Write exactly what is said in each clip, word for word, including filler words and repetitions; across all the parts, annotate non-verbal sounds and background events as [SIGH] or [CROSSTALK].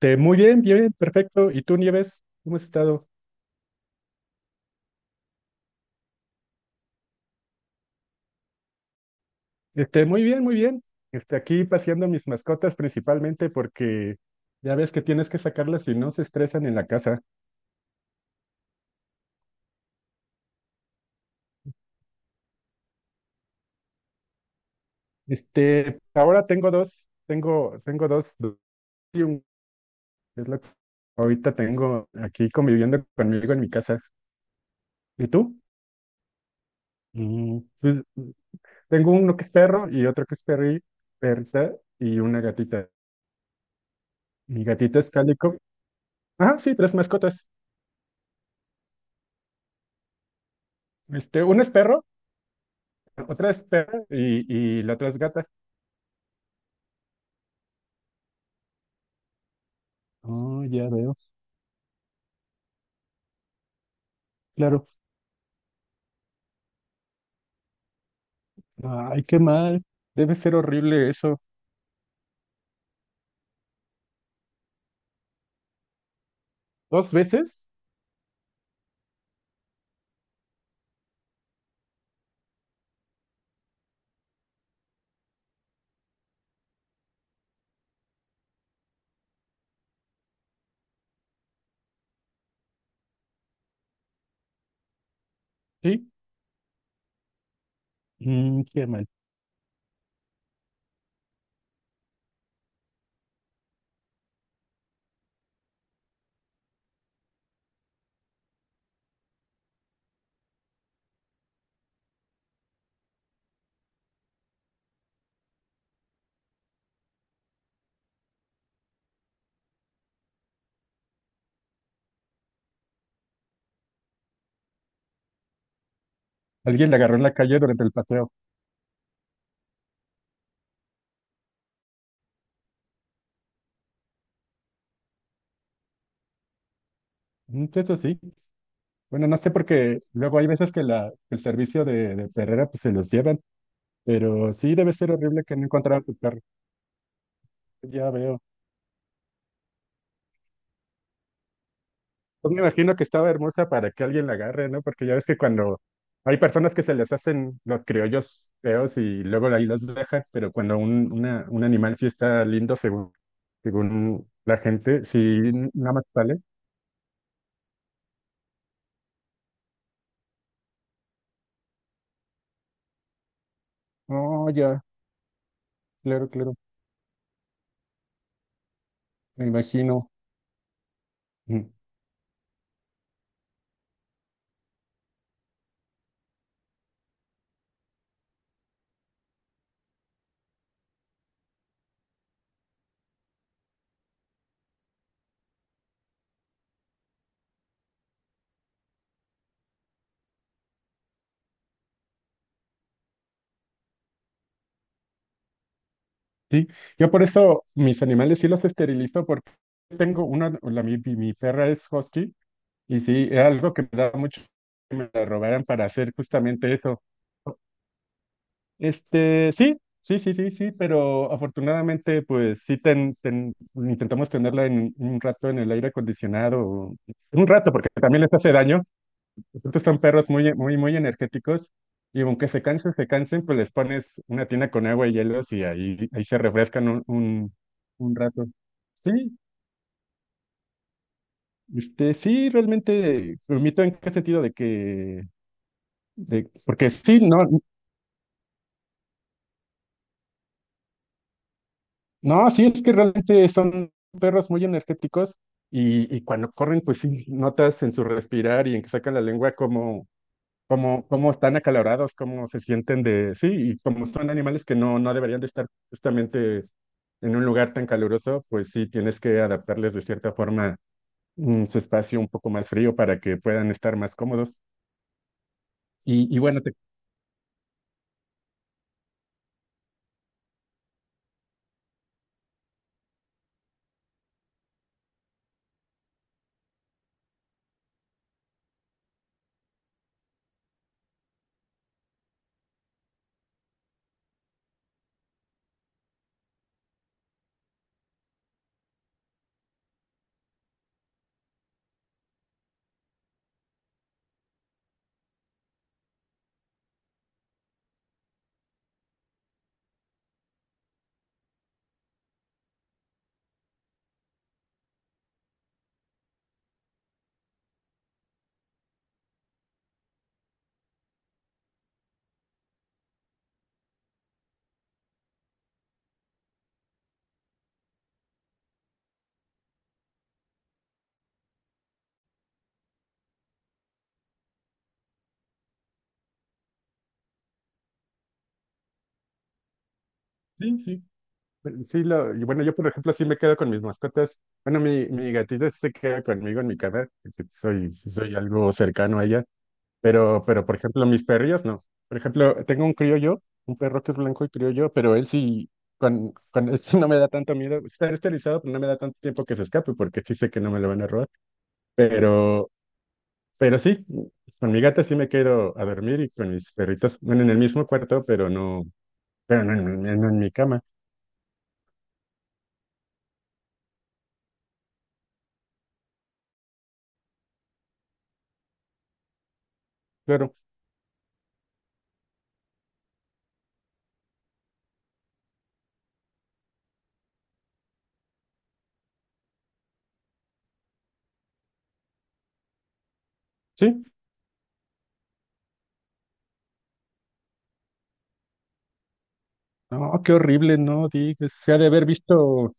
Este, muy bien, bien, perfecto. ¿Y tú, Nieves? ¿Cómo has estado? Este, muy bien, muy bien. Este, aquí paseando mis mascotas principalmente porque ya ves que tienes que sacarlas si no se estresan en la casa. Este, ahora tengo dos, tengo, tengo dos, dos y un, es lo que ahorita tengo aquí conviviendo conmigo en mi casa. ¿Y tú? Mm, pues, tengo uno que es perro y otro que es perri, perrita y una gatita. Mi gatita es cálico. Ah, sí, tres mascotas. Este, uno es perro. Otra es perra y, y la otra es gata. Oh, ya veo. Claro. Ay, qué mal. Debe ser horrible eso. ¿Dos veces? Sí. Mm, qué mal. Alguien la agarró en la calle durante el paseo. Mm, pues, eso sí. Bueno, no sé porque luego hay veces que la, el servicio de, de perrera pues se los llevan, pero sí debe ser horrible que no encontraran tu perro. Ya veo. Pues me imagino que estaba hermosa para que alguien la agarre, ¿no? Porque ya ves que cuando hay personas que se les hacen los criollos feos y luego ahí los dejan, pero cuando un, una- un animal sí está lindo según, según la gente, sí, nada más sale. Oh, ya, claro, claro, me imagino. Mm, sí, yo por eso mis animales sí los esterilizo porque tengo una, la, mi, mi mi perra es husky y sí, era algo que me daba mucho que me la robaran para hacer justamente eso. Este, sí, sí, sí, sí, sí, pero afortunadamente, pues sí, ten, ten- intentamos tenerla en un rato en el aire acondicionado, un rato, porque también les hace daño. Estos son perros muy, muy, muy energéticos y aunque se cansen, se cansen, pues les pones una tina con agua y hielos y ahí, ahí se refrescan un, un, un rato. Sí, este, sí, realmente, permito en qué sentido de que, de, porque sí, no. No, sí, es que realmente son perros muy energéticos y, y cuando corren, pues sí, notas en su respirar y en que sacan la lengua cómo, cómo, cómo están acalorados, cómo se sienten de, sí, y como son animales que no, no deberían de estar justamente en un lugar tan caluroso, pues sí, tienes que adaptarles de cierta forma mm, su espacio un poco más frío para que puedan estar más cómodos. Y, y bueno, te, sí, sí. Sí, lo, y bueno, yo por ejemplo sí me quedo con mis mascotas. Bueno, mi, mi gatita sí se queda conmigo en mi cama, porque soy, sí soy algo cercano a ella, pero, pero por ejemplo mis perrillos no. Por ejemplo, tengo un criollo, un perro que es blanco y criollo, pero él sí, con, con él sí no me da tanto miedo. Está esterilizado, pero no me da tanto tiempo que se escape, porque sí sé que no me lo van a robar. Pero, pero sí, con mi gata sí me quedo a dormir y con mis perritos, bueno, en el mismo cuarto, pero no, pero no en en- en mi cama, claro. Sí. No, qué horrible, no, Dick. Se ha de haber visto.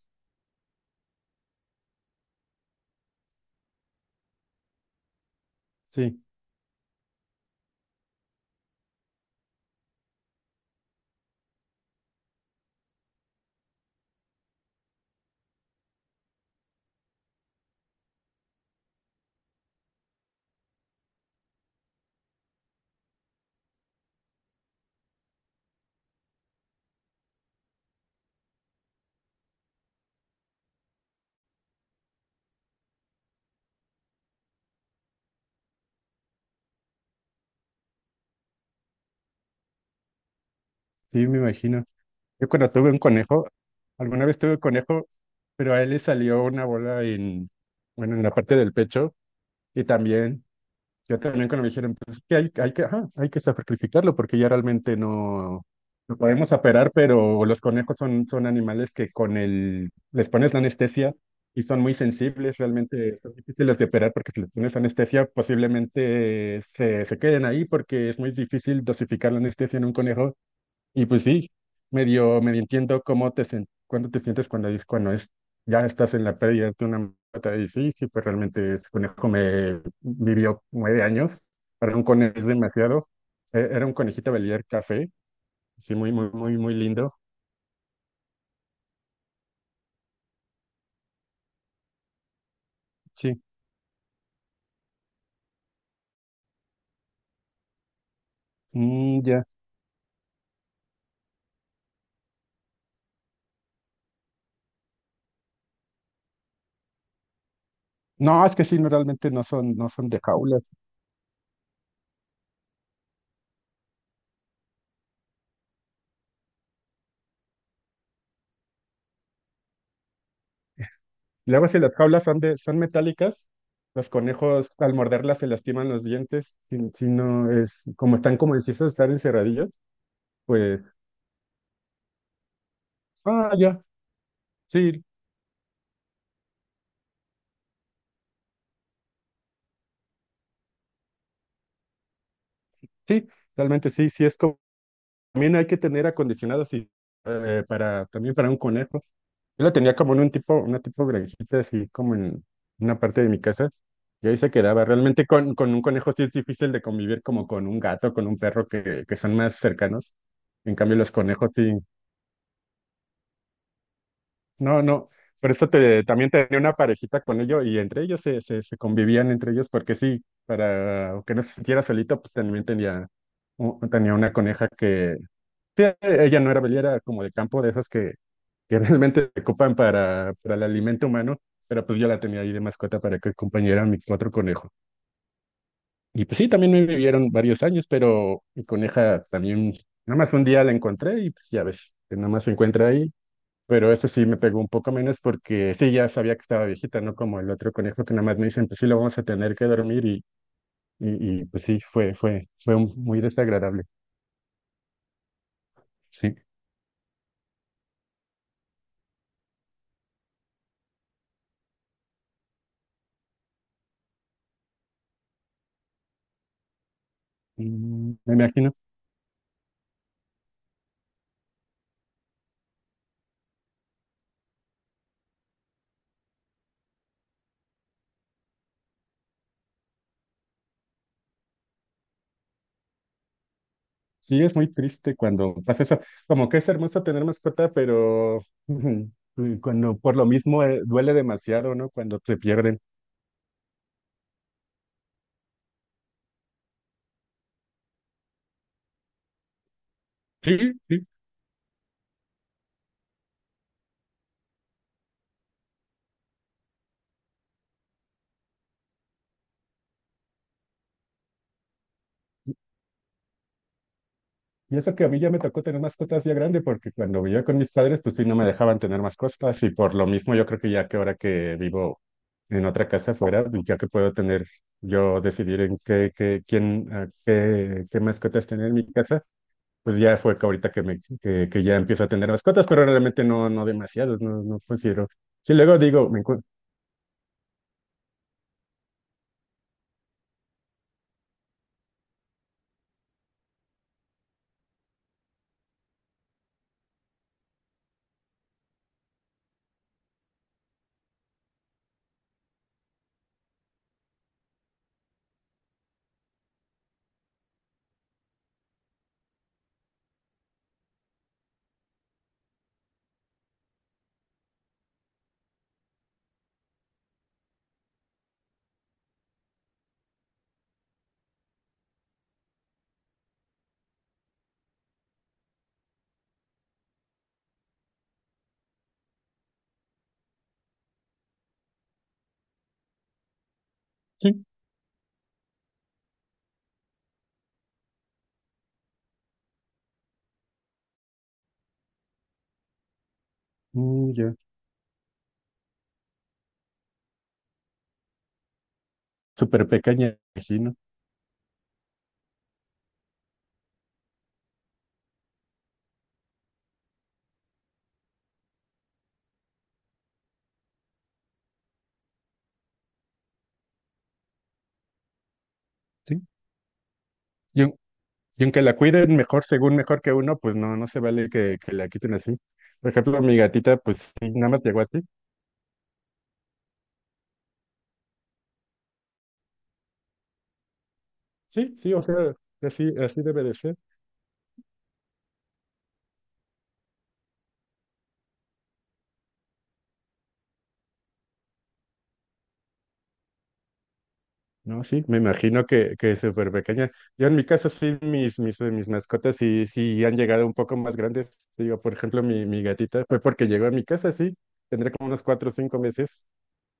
Sí, sí, me imagino. Yo cuando tuve un conejo, alguna vez tuve un conejo, pero a él le salió una bola en, bueno, en la parte del pecho. Y también Yo también cuando me dijeron, pues es que hay, hay que, ajá, hay que sacrificarlo porque ya realmente no lo podemos operar, pero los conejos son, son animales que con el, les pones la anestesia y son muy sensibles, realmente son difíciles de operar porque si les pones anestesia posiblemente se, se queden ahí porque es muy difícil dosificar la anestesia en un conejo y pues sí, medio, medio entiendo cómo te sien- cuándo te sientes cuando dices cuando es, ya estás en la pérdida de una mata y sí, sí, pues realmente ese conejo me vivió nueve años, para un conejo es demasiado. E- era un conejito belier café, sí, muy, muy, muy, muy lindo, sí, mm, ya, no, es que sí, no, realmente no son, no son de jaulas, luego si las jaulas son de, son metálicas, los conejos al morderlas se lastiman los dientes, si, si no es, como están como si estar encerradillos, pues ah, ya, sí, sí, realmente sí, sí es como, también hay que tener acondicionado así, eh, para, también para un conejo. Yo la tenía como en un tipo, una tipo granjita así como en una parte de mi casa, y ahí se quedaba. Realmente con, con un conejo sí es difícil de convivir como con un gato, con un perro que, que son más cercanos. En cambio los conejos sí, no, no, por eso te, también tenía una parejita con ellos y entre ellos se, se, se convivían entre ellos porque sí, para que no se sintiera solito, pues también tenía, u- tenía una coneja que, sí, ella no era bella, era como de campo, de esas que, que [LAUGHS] realmente se ocupan para, para el alimento humano, pero pues yo la tenía ahí de mascota para que acompañara a mi otro conejo. Y pues sí, también me vivieron varios años, pero mi coneja también, nada más un día la encontré y pues ya ves, que nada más se encuentra ahí pero ese sí me pegó un poco menos porque sí, ya sabía que estaba viejita, ¿no? Como el otro conejo que nada más me dicen, pues sí, lo vamos a tener que dormir y, y, y, pues sí, fue, fue, fue un- muy desagradable. Sí, Mm, me imagino. Sí, es muy triste cuando pasa eso. Como que es hermoso tener mascota, pero [LAUGHS] cuando por lo mismo eh, duele demasiado, ¿no? Cuando se pierden. Sí, sí. Y eso que a mí ya me tocó tener mascotas ya grande, porque cuando vivía con mis padres, pues sí, no me dejaban tener mascotas. Y por lo mismo, yo creo que ya que ahora que vivo en otra casa fuera, ya que puedo tener, yo decidir en qué, qué, quién, ah, qué, qué mascotas tener en mi casa, pues ya fue que ahorita que, me, que, que ya empiezo a tener mascotas, pero realmente no, no demasiados, no, no considero. Sí, luego digo, me encuentro, sí, mm, ya, súper pequeña, imagino, sí. Y Y aunque la cuiden mejor, según mejor que uno, pues no, no se vale que, que la quiten así. Por ejemplo, mi gatita, pues sí, nada más llegó así. Sí, sí, o sea, así, así debe de ser. No, sí, me imagino que, que es súper pequeña. Yo en mi caso, sí, mis, mis, mis mascotas sí, sí han llegado un poco más grandes. Digo, por ejemplo, mi, mi gatita fue porque llegó a mi casa, sí, tendré como unos cuatro o cinco meses.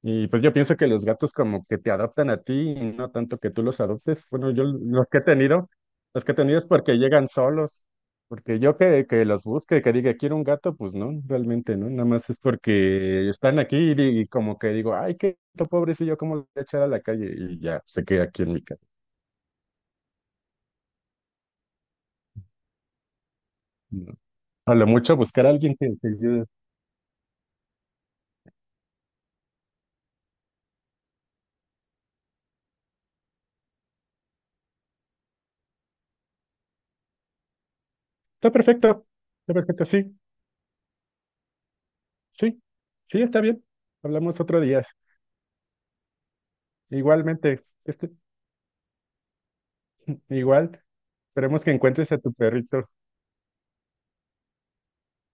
Y pues yo pienso que los gatos como que te adoptan a ti y no tanto que tú los adoptes. Bueno, yo los que he tenido, los que he tenido es porque llegan solos, porque yo que, que los busque, que diga quiero un gato, pues no, realmente no, nada más es porque están aquí y, di- y como que digo, ay, qué gato pobrecillo, ¿cómo lo voy a echar a la calle? Y ya se queda aquí en mi casa. No. A lo mucho buscar a alguien que te ayude. Está perfecto, está perfecto, sí, sí, sí, está bien. Hablamos otro día. Igualmente, este, igual. Esperemos que encuentres a tu perrito.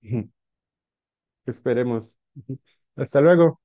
[LAUGHS] Esperemos. [LAUGHS] Hasta luego.